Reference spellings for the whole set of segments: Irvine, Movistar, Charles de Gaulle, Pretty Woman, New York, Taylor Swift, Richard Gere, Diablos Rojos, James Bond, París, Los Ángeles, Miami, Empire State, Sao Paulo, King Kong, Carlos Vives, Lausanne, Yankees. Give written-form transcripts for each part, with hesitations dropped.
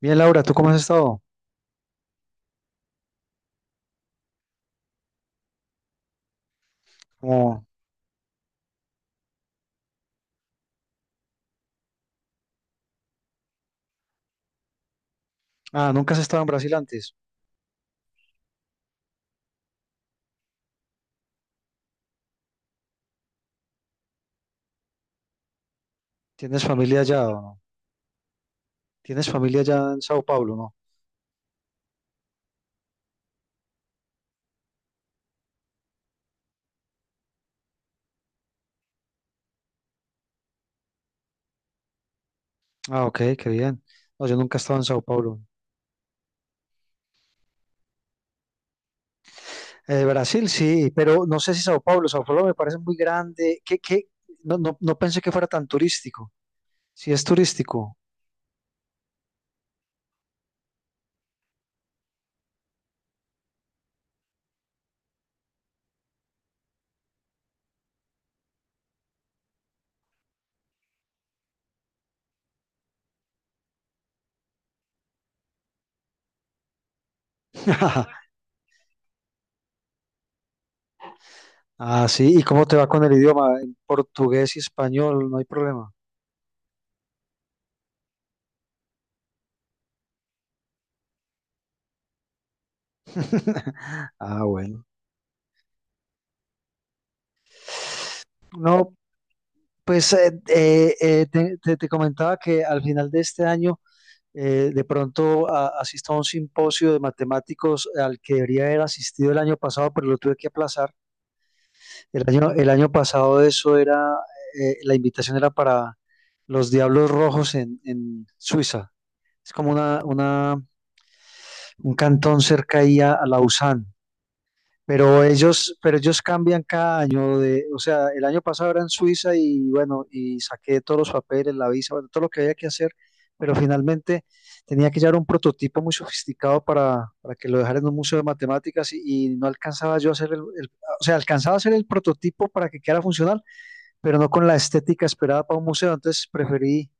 Bien, Laura, ¿tú cómo has estado? Como, nunca has estado en Brasil antes. ¿Tienes familia allá o no? ¿Tienes familia allá en Sao Paulo, no? Ah, ok, qué bien. No, yo nunca he estado en Sao Paulo. Brasil sí, pero no sé si Sao Paulo. Sao Paulo me parece muy grande. ¿Qué? No, no, no pensé que fuera tan turístico. Sí, es turístico. Ah, sí. ¿Y cómo te va con el idioma? En portugués y español, no hay problema. Ah, bueno. No, pues te comentaba que al final de este año de pronto asista a un simposio de matemáticos al que debería haber asistido el año pasado, pero lo tuve que aplazar. El año pasado eso era, la invitación era para los Diablos Rojos en Suiza. Es como un cantón cerca ahí a Lausanne. Pero ellos cambian cada año o sea, el año pasado era en Suiza y bueno, y saqué todos los papeles, la visa, bueno, todo lo que había que hacer, pero finalmente tenía que llevar un prototipo muy sofisticado para que lo dejara en un museo de matemáticas y no alcanzaba yo a hacer o sea, alcanzaba a hacer el prototipo para que quedara funcional, pero no con la estética esperada para un museo, entonces preferí,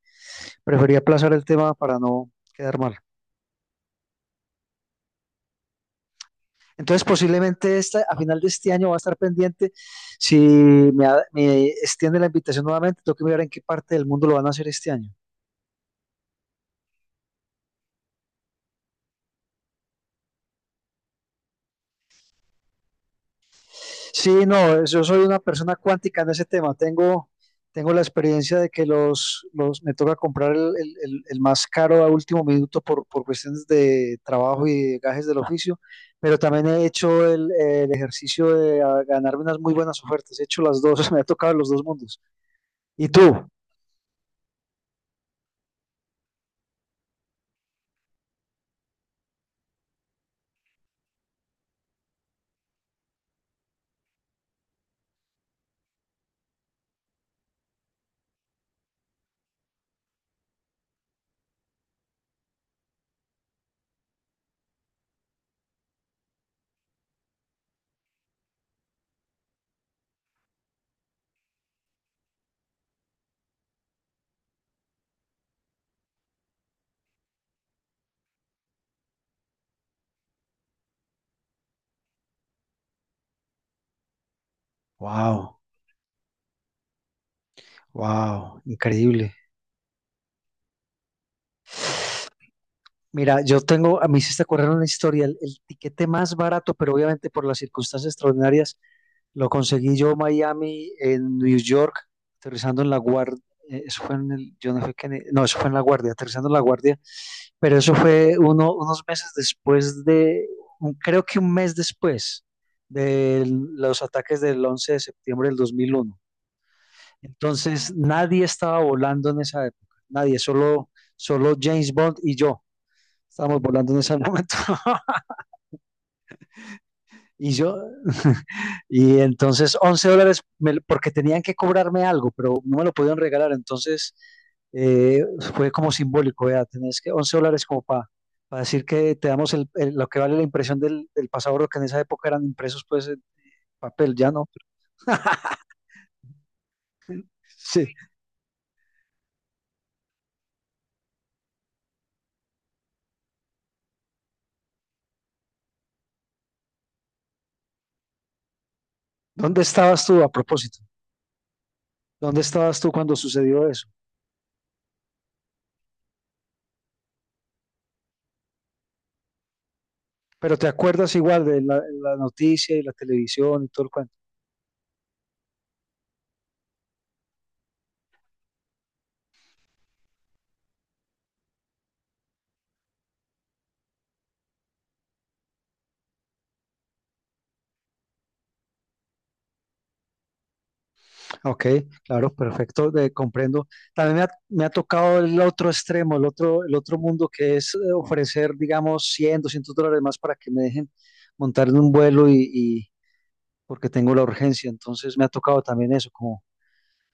preferí aplazar el tema para no quedar mal. Entonces, posiblemente a final de este año va a estar pendiente. Si me extiende la invitación nuevamente, tengo que mirar en qué parte del mundo lo van a hacer este año. Sí, no, yo soy una persona cuántica en ese tema. Tengo la experiencia de que los me toca comprar el más caro a último minuto por cuestiones de trabajo y de gajes del oficio, pero también he hecho el ejercicio de ganarme unas muy buenas ofertas. He hecho las dos, me ha tocado los dos mundos. ¿Y tú? Wow. Wow, increíble. Mira, yo tengo, a mí sí se correr una historia, el tiquete más barato, pero obviamente por las circunstancias extraordinarias, lo conseguí yo en Miami, en New York, aterrizando en la guardia. Eso fue en el, yo no fue que, en- no, eso fue en la guardia, aterrizando en la guardia, pero eso fue unos meses después de, creo que un mes después de los ataques del 11 de septiembre de 2001. Entonces nadie estaba volando en esa época, nadie, solo James Bond y yo estábamos volando en ese momento. Y yo, y entonces $11, porque tenían que cobrarme algo, pero no me lo podían regalar, entonces eh, fue como simbólico, vea, tenés que $11 como para decir que te damos lo que vale la impresión del pasaporte, que en esa época eran impresos pues en papel, ya no. Sí. ¿Dónde estabas tú a propósito? ¿Dónde estabas tú cuando sucedió eso? Pero te acuerdas igual de la noticia y la televisión y todo el cuento. Ok, claro, perfecto, comprendo. También me ha tocado el otro extremo, el otro mundo que es ofrecer, digamos, 100, $200 más para que me dejen montar en un vuelo porque tengo la urgencia. Entonces me ha tocado también eso, como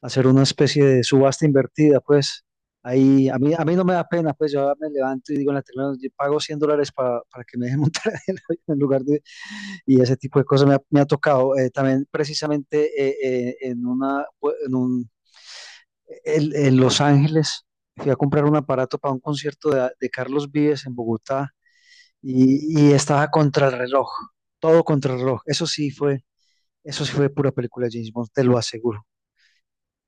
hacer una especie de subasta invertida, pues. Ahí, a mí no me da pena, pues yo me levanto y digo en la terminal, yo pago $100 para que me dejen montar en el avión en lugar de... Y ese tipo de cosas me ha tocado. También precisamente pues, en Los Ángeles, fui a comprar un aparato para un concierto de Carlos Vives en Bogotá y estaba contra el reloj, todo contra el reloj. Eso sí fue pura película de James Bond, te lo aseguro.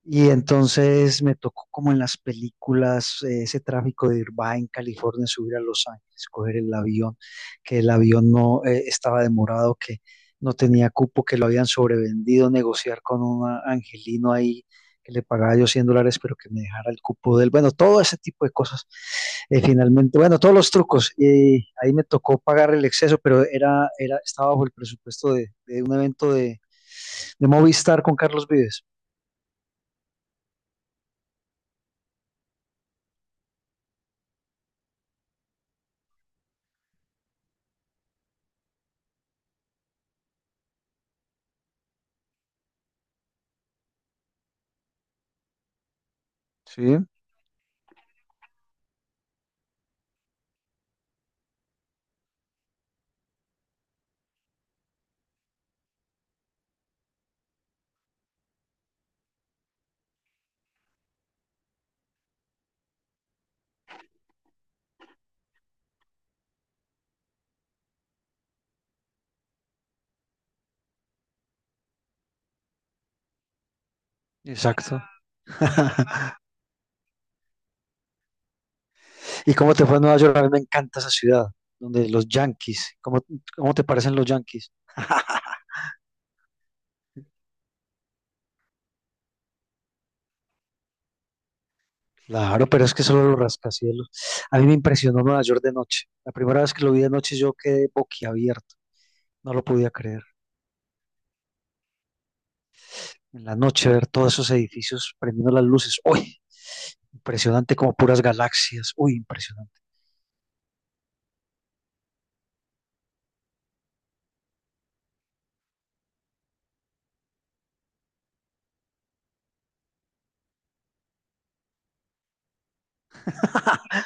Y entonces me tocó como en las películas, ese tráfico de Irvine, California, subir a Los Ángeles, coger el avión, que el avión no estaba demorado, que no tenía cupo, que lo habían sobrevendido, negociar con un angelino ahí que le pagaba yo $100, pero que me dejara el cupo de él. Bueno, todo ese tipo de cosas. Finalmente, bueno, todos los trucos. Ahí me tocó pagar el exceso, pero estaba bajo el presupuesto de un evento de Movistar con Carlos Vives. Sí, exacto. ¿Y cómo te fue en Nueva York? A mí me encanta esa ciudad, donde los Yankees, ¿cómo te parecen los Yankees? Claro, pero es que solo los rascacielos. A mí me impresionó Nueva York de noche. La primera vez que lo vi de noche yo quedé boquiabierto, no lo podía creer. En la noche ver todos esos edificios prendiendo las luces. ¡Uy! Impresionante como puras galaxias. Uy, impresionante.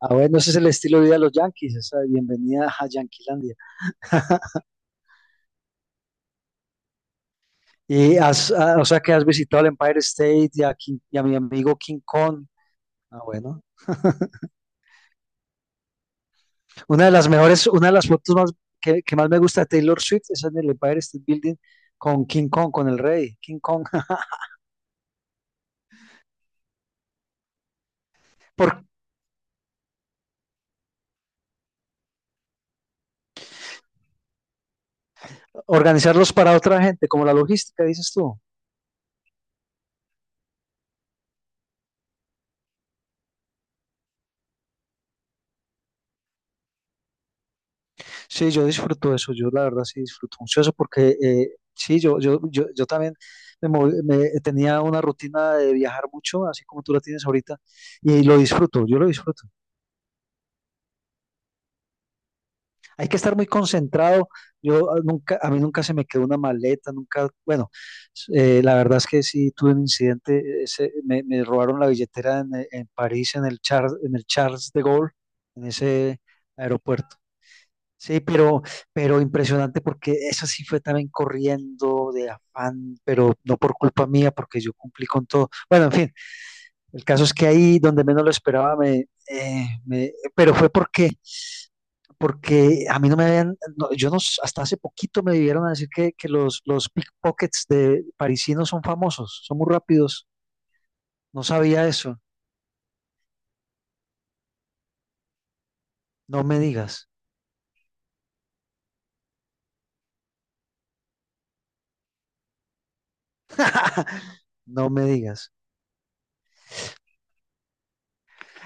Ah, bueno, ese es el estilo de vida de los Yankees, esa bienvenida a Yanquilandia. Y o sea que has visitado el Empire State y y a mi amigo King Kong. Ah, bueno. Una de las mejores, una de las fotos más que más me gusta de Taylor Swift es en el Empire State Building con King Kong, con el rey, King Kong. Por organizarlos para otra gente, como la logística, dices tú. Sí, yo disfruto eso, yo la verdad sí disfruto mucho eso porque sí, yo también tenía una rutina de viajar mucho, así como tú la tienes ahorita, y lo disfruto, yo lo disfruto. Hay que estar muy concentrado. Yo nunca, a mí nunca se me quedó una maleta, nunca, bueno, s- la verdad es que sí tuve un incidente. Me robaron la billetera en París, en el Charles de Gaulle, en ese aeropuerto. Sí, pero impresionante porque esa sí fue también corriendo de afán, pero no por culpa mía, porque yo cumplí con todo. Bueno, en fin, el caso es que ahí donde menos lo esperaba, pero fue porque a mí no me habían, no, yo no, hasta hace poquito me vivieron a decir que los pickpockets de parisinos son famosos, son muy rápidos. No sabía eso. No me digas, no me digas.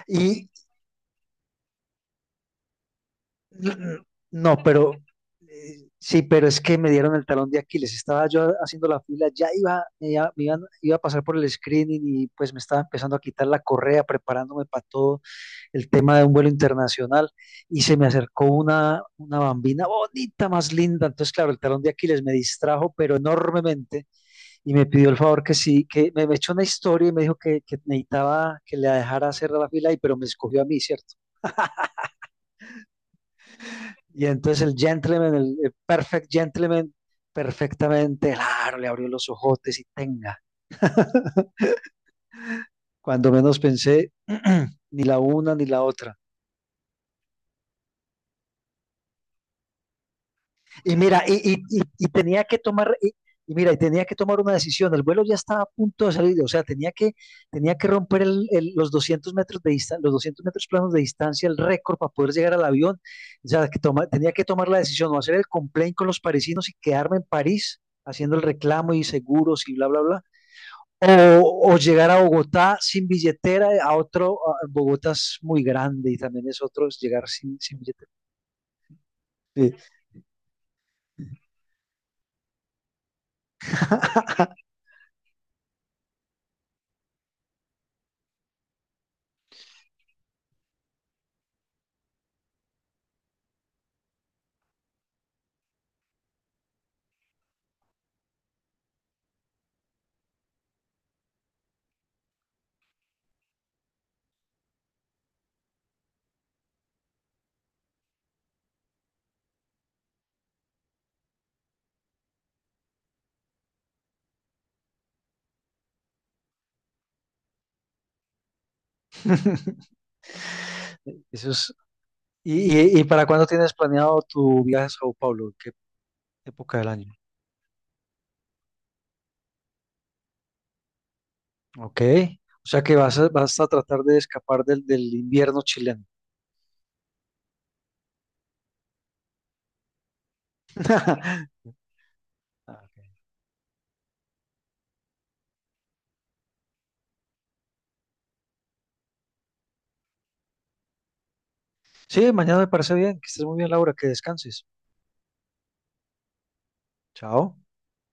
Y mm, no, pero sí, pero es que me dieron el talón de Aquiles. Estaba yo haciendo la fila, iba a pasar por el screening y pues me estaba empezando a quitar la correa, preparándome para todo. El tema de un vuelo internacional y se me acercó una bambina bonita, más linda. Entonces, claro, el talón de Aquiles me distrajo, pero enormemente, y me pidió el favor que sí, que me echó una historia y me dijo que necesitaba que la dejara hacer la fila, pero me escogió a mí, ¿cierto? Y entonces el gentleman, el perfect gentleman, perfectamente, claro, le abrió los ojotes y tenga. Cuando menos pensé, ni la una ni la otra. Y mira, y tenía que tomar, y tenía que tomar una decisión. El vuelo ya estaba a punto de salir, o sea, tenía que romper los 200 metros de distancia, los 200 metros planos de distancia, el récord para poder llegar al avión. O sea, tenía que tomar la decisión o hacer el complaint con los parisinos y quedarme en París haciendo el reclamo y seguros y bla, bla, bla. O llegar a Bogotá sin billetera, Bogotá es muy grande y también es otro es llegar sin billetera. Sí. Eso es. ¿Y para cuándo tienes planeado tu viaje a Sao Paulo? ¿En qué época del año? Ok. O sea que vas a tratar de escapar del invierno chileno. Ah, ok. Sí, mañana me parece bien. Que estés muy bien, Laura. Que descanses. Chao.